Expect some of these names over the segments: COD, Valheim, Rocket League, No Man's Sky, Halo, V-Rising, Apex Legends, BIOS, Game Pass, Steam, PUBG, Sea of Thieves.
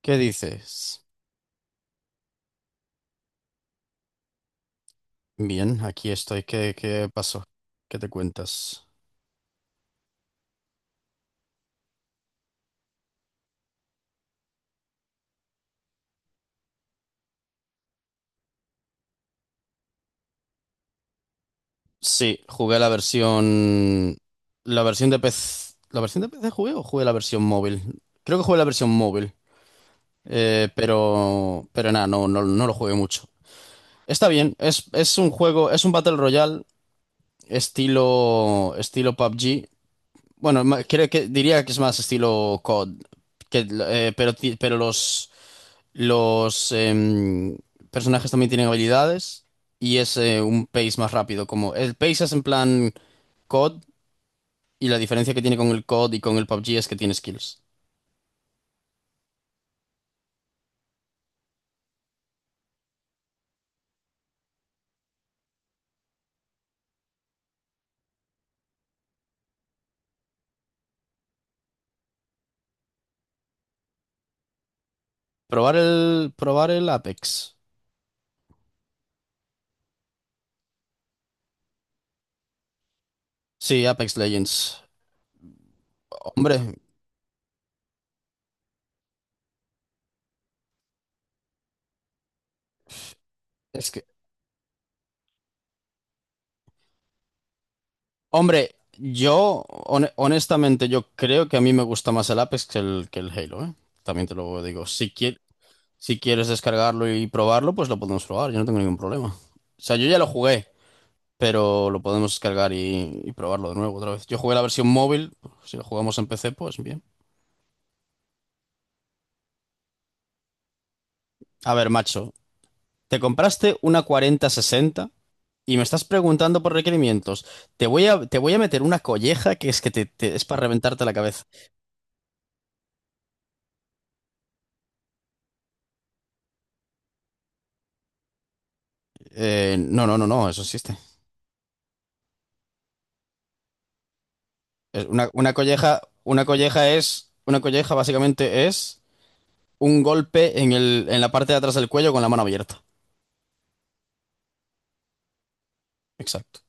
¿Qué dices? Bien, aquí estoy. ¿Qué pasó? ¿Qué te cuentas? Sí, jugué la versión. La versión de PC. ¿La versión de PC jugué o jugué la versión móvil? Creo que jugué la versión móvil. Pero nada, no, no, no lo jugué mucho. Está bien, es un juego, es un Battle Royale estilo PUBG. Bueno, creo que diría que es más estilo COD. Que, pero, pero los personajes también tienen habilidades y es un pace más rápido. Como el pace es en plan COD y la diferencia que tiene con el COD y con el PUBG es que tiene skills. Probar el Apex. Sí, Apex Legends. Hombre, es que, hombre, yo honestamente yo creo que a mí me gusta más el Apex que el Halo, ¿eh? También te lo digo. Si quieres descargarlo y probarlo, pues lo podemos probar. Yo no tengo ningún problema. O sea, yo ya lo jugué. Pero lo podemos descargar y probarlo de nuevo otra vez. Yo jugué la versión móvil, si lo jugamos en PC, pues bien. A ver, macho, te compraste una 4060 y me estás preguntando por requerimientos. Te voy a meter una colleja que es que es para reventarte la cabeza. No, no, no, no, eso existe. Es una colleja, una colleja es, una colleja básicamente es un golpe en en la parte de atrás del cuello con la mano abierta. Exacto.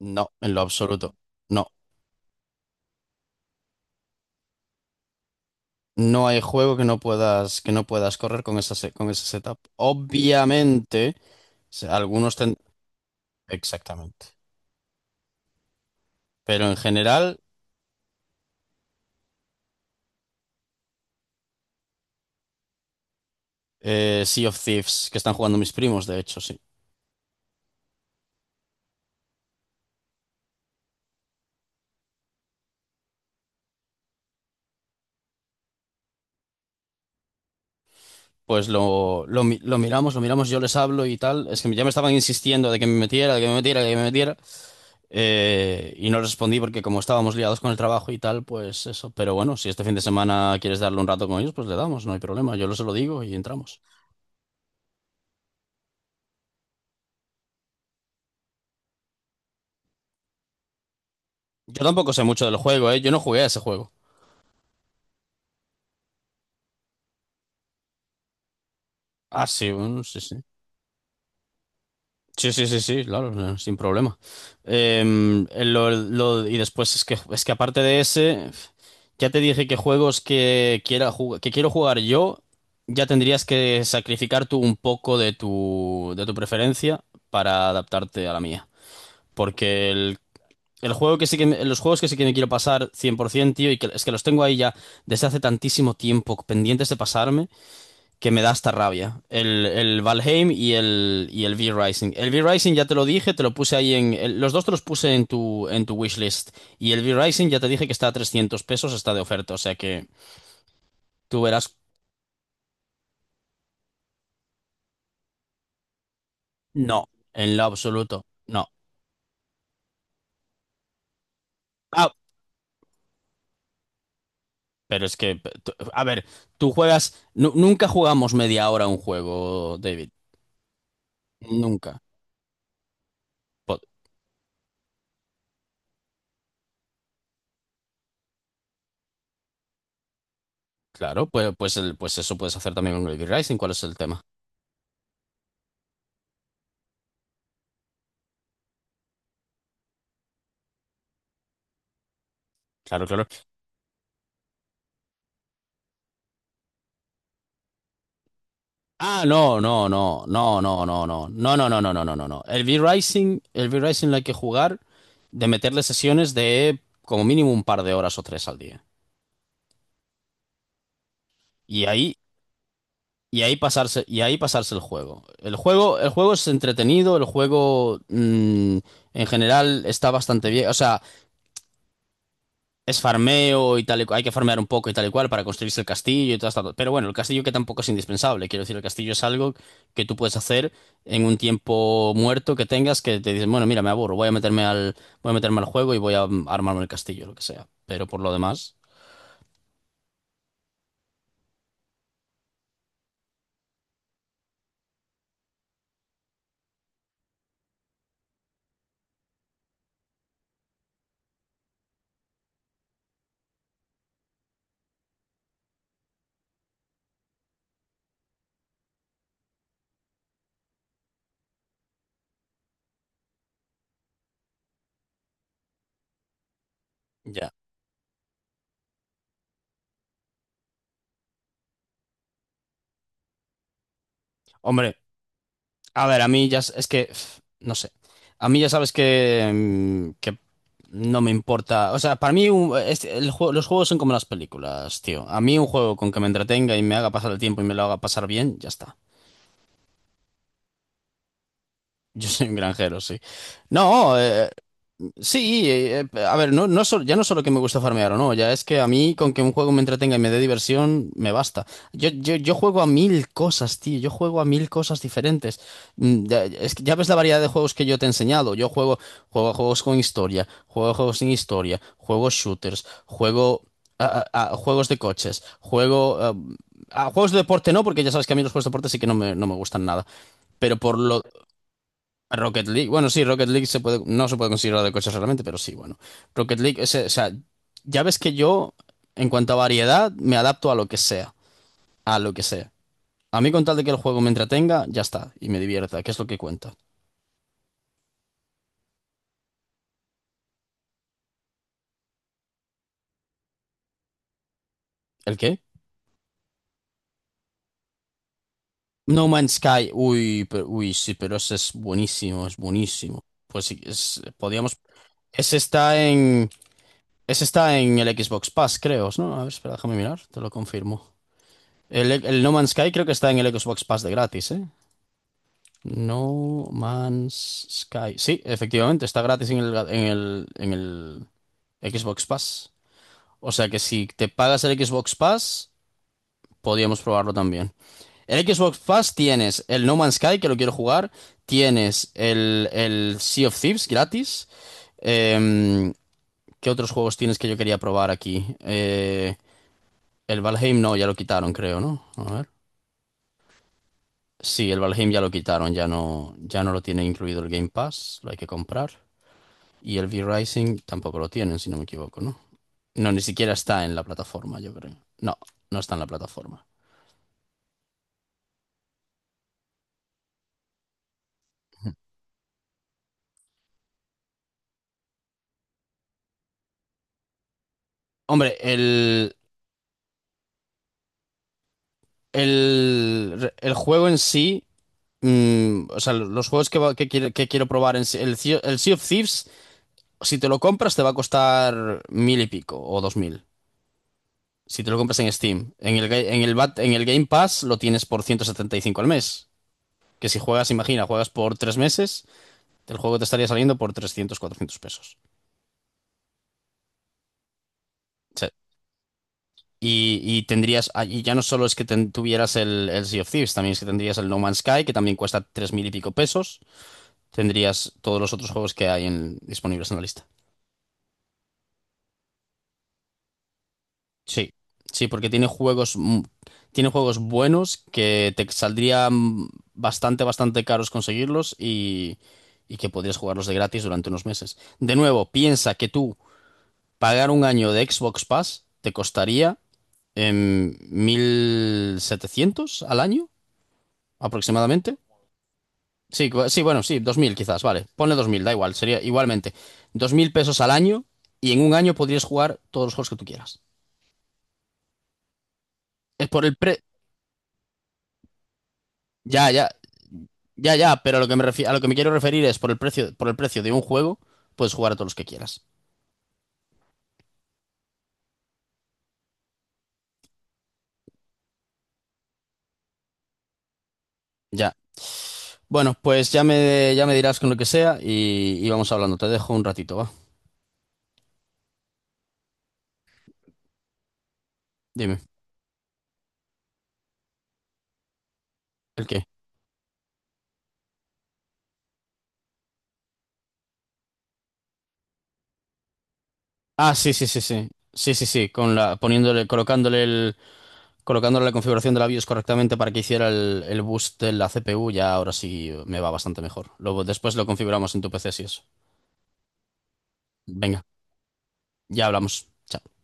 No, en lo absoluto. No. No hay juego que no puedas correr con ese setup. Obviamente, algunos ten... Exactamente. Pero en general, Sea of Thieves, que están jugando mis primos, de hecho, sí. Pues lo miramos, lo miramos, yo les hablo y tal. Es que ya me estaban insistiendo de que me metiera, de que me metiera, de que me metiera. Y no respondí porque como estábamos liados con el trabajo y tal, pues eso. Pero bueno, si este fin de semana quieres darle un rato con ellos, pues le damos, no hay problema. Yo se lo digo y entramos. Yo tampoco sé mucho del juego, ¿eh? Yo no jugué a ese juego. Ah, sí, bueno, sí, sí. Sí, sí, sí, sí, claro, no, sin problema. Y después es que aparte de ese, ya te dije que juegos que quiero jugar yo, ya tendrías que sacrificar tú un poco de tu preferencia para adaptarte a la mía. Porque el juego que sí que me- los juegos que sí que me quiero pasar 100%, tío, y que es que los tengo ahí ya desde hace tantísimo tiempo pendientes de pasarme, que me da hasta rabia. El Valheim y y el V-Rising. El V-Rising ya te lo dije, te lo puse ahí, los dos te los puse en tu wishlist. Y el V-Rising ya te dije que está a 300 pesos, está de oferta. O sea que tú verás. No, en lo absoluto. No. Ah, pero es que, a ver, tú juegas, nunca jugamos media hora a un juego, David. Nunca. Po- Claro, pues eso puedes hacer también con el V-Rising. ¿Cuál es el tema? Claro, claro. Ah, no, no, no, no, no, no, no, no, no, no, no, no, no, no, no. El V-Rising lo hay que jugar de meterle sesiones de como mínimo un par de horas o tres al día. Y ahí, y ahí pasarse, y ahí pasarse el juego. El juego es entretenido, el juego en general está bastante bien. O sea, es farmeo y tal y cual. Hay que farmear un poco y tal y cual para construirse el castillo y todo esto. Pero bueno, el castillo que tampoco es indispensable. Quiero decir, el castillo es algo que tú puedes hacer en un tiempo muerto que tengas que te dices, bueno, mira, me aburro, voy a meterme al juego y voy a armarme el castillo, lo que sea. Pero por lo demás, ya. Hombre. A ver, a mí ya es que, pf, no sé, a mí ya sabes que no me importa, o sea, para mí los juegos son como las películas, tío. A mí un juego con que me entretenga y me haga pasar el tiempo y me lo haga pasar bien, ya está. Yo soy un granjero, sí. No, sí, a ver, no, no ya no solo que me gusta farmear o no, ya es que a mí con que un juego me entretenga y me dé diversión, me basta. Yo juego a mil cosas, tío, yo juego a mil cosas diferentes. Ya, es que ya ves la variedad de juegos que yo te he enseñado. Yo juego a juegos con historia, juego a juegos sin historia, juego shooters, juego a juegos de coches, juego a juegos de deporte no, porque ya sabes que a mí los juegos de deporte sí que no me gustan nada. Pero por lo, Rocket League, bueno, sí, Rocket League se puede, no se puede considerar de coches realmente, pero sí, bueno. Rocket League, o sea, ya ves que yo, en cuanto a variedad, me adapto a lo que sea, a lo que sea. A mí con tal de que el juego me entretenga, ya está, y me divierta, que es lo que cuenta. ¿El qué? No Man's Sky, uy, uy, sí, pero ese es buenísimo, es buenísimo. Pues sí, es, podíamos, ese está en, ese está en el Xbox Pass, creo, ¿no? A ver, espera, déjame mirar, te lo confirmo. El No Man's Sky creo que está en el Xbox Pass de gratis, ¿eh? No Man's Sky. Sí, efectivamente, está gratis en el Xbox Pass. O sea que si te pagas el Xbox Pass, podríamos probarlo también. El Xbox Pass tienes el No Man's Sky, que lo quiero jugar. Tienes el Sea of Thieves gratis. Em, ¿Qué otros juegos tienes que yo quería probar aquí? El Valheim no, ya lo quitaron, creo, ¿no? A ver. Sí, el Valheim ya lo quitaron, ya no lo tiene incluido el Game Pass, lo hay que comprar. Y el V-Rising tampoco lo tienen, si no me equivoco, ¿no? No, ni siquiera está en la plataforma, yo creo. No, no está en la plataforma. Hombre, el juego en sí, o sea, los juegos que quiero probar en sí, el Sea of Thieves, si te lo compras te va a costar mil y pico o dos mil. Si te lo compras en Steam, en el, ga- en el, Bat- en el Game Pass lo tienes por 175 al mes. Que si juegas, imagina, juegas por 3 meses, el juego te estaría saliendo por 300 400 pesos. O sea, y tendrías, ah, y ya no solo es que tuvieras el Sea of Thieves, también es que tendrías el No Man's Sky, que también cuesta 3000 y pico pesos. Tendrías todos los otros juegos que hay disponibles en la lista. Sí, sí, porque tiene juegos, tiene juegos buenos que te saldrían bastante, bastante caros conseguirlos y que podrías jugarlos de gratis durante unos meses. De nuevo, piensa que tú pagar un año de Xbox Pass te costaría 1700 al año aproximadamente. Sí, sí, bueno, sí, 2000 quizás, vale. Ponle 2000, da igual, sería igualmente. 2000 pesos al año y en un año podrías jugar todos los juegos que tú quieras. Es por el pre... Ya, ya, ya, ya, pero a lo que me quiero referir es por el precio de un juego, puedes jugar a todos los que quieras. Ya. Bueno, pues ya me dirás con lo que sea y vamos hablando. Te dejo un ratito, va. Dime. ¿El qué? Ah, sí, sí, sí, sí. Sí, sí, sí, con la, poniéndole, colocándole el... Colocándole la configuración de la BIOS correctamente para que hiciera el boost de la CPU, ya ahora sí me va bastante mejor. Luego, después lo configuramos en tu PC si eso. Venga, ya hablamos. Chao.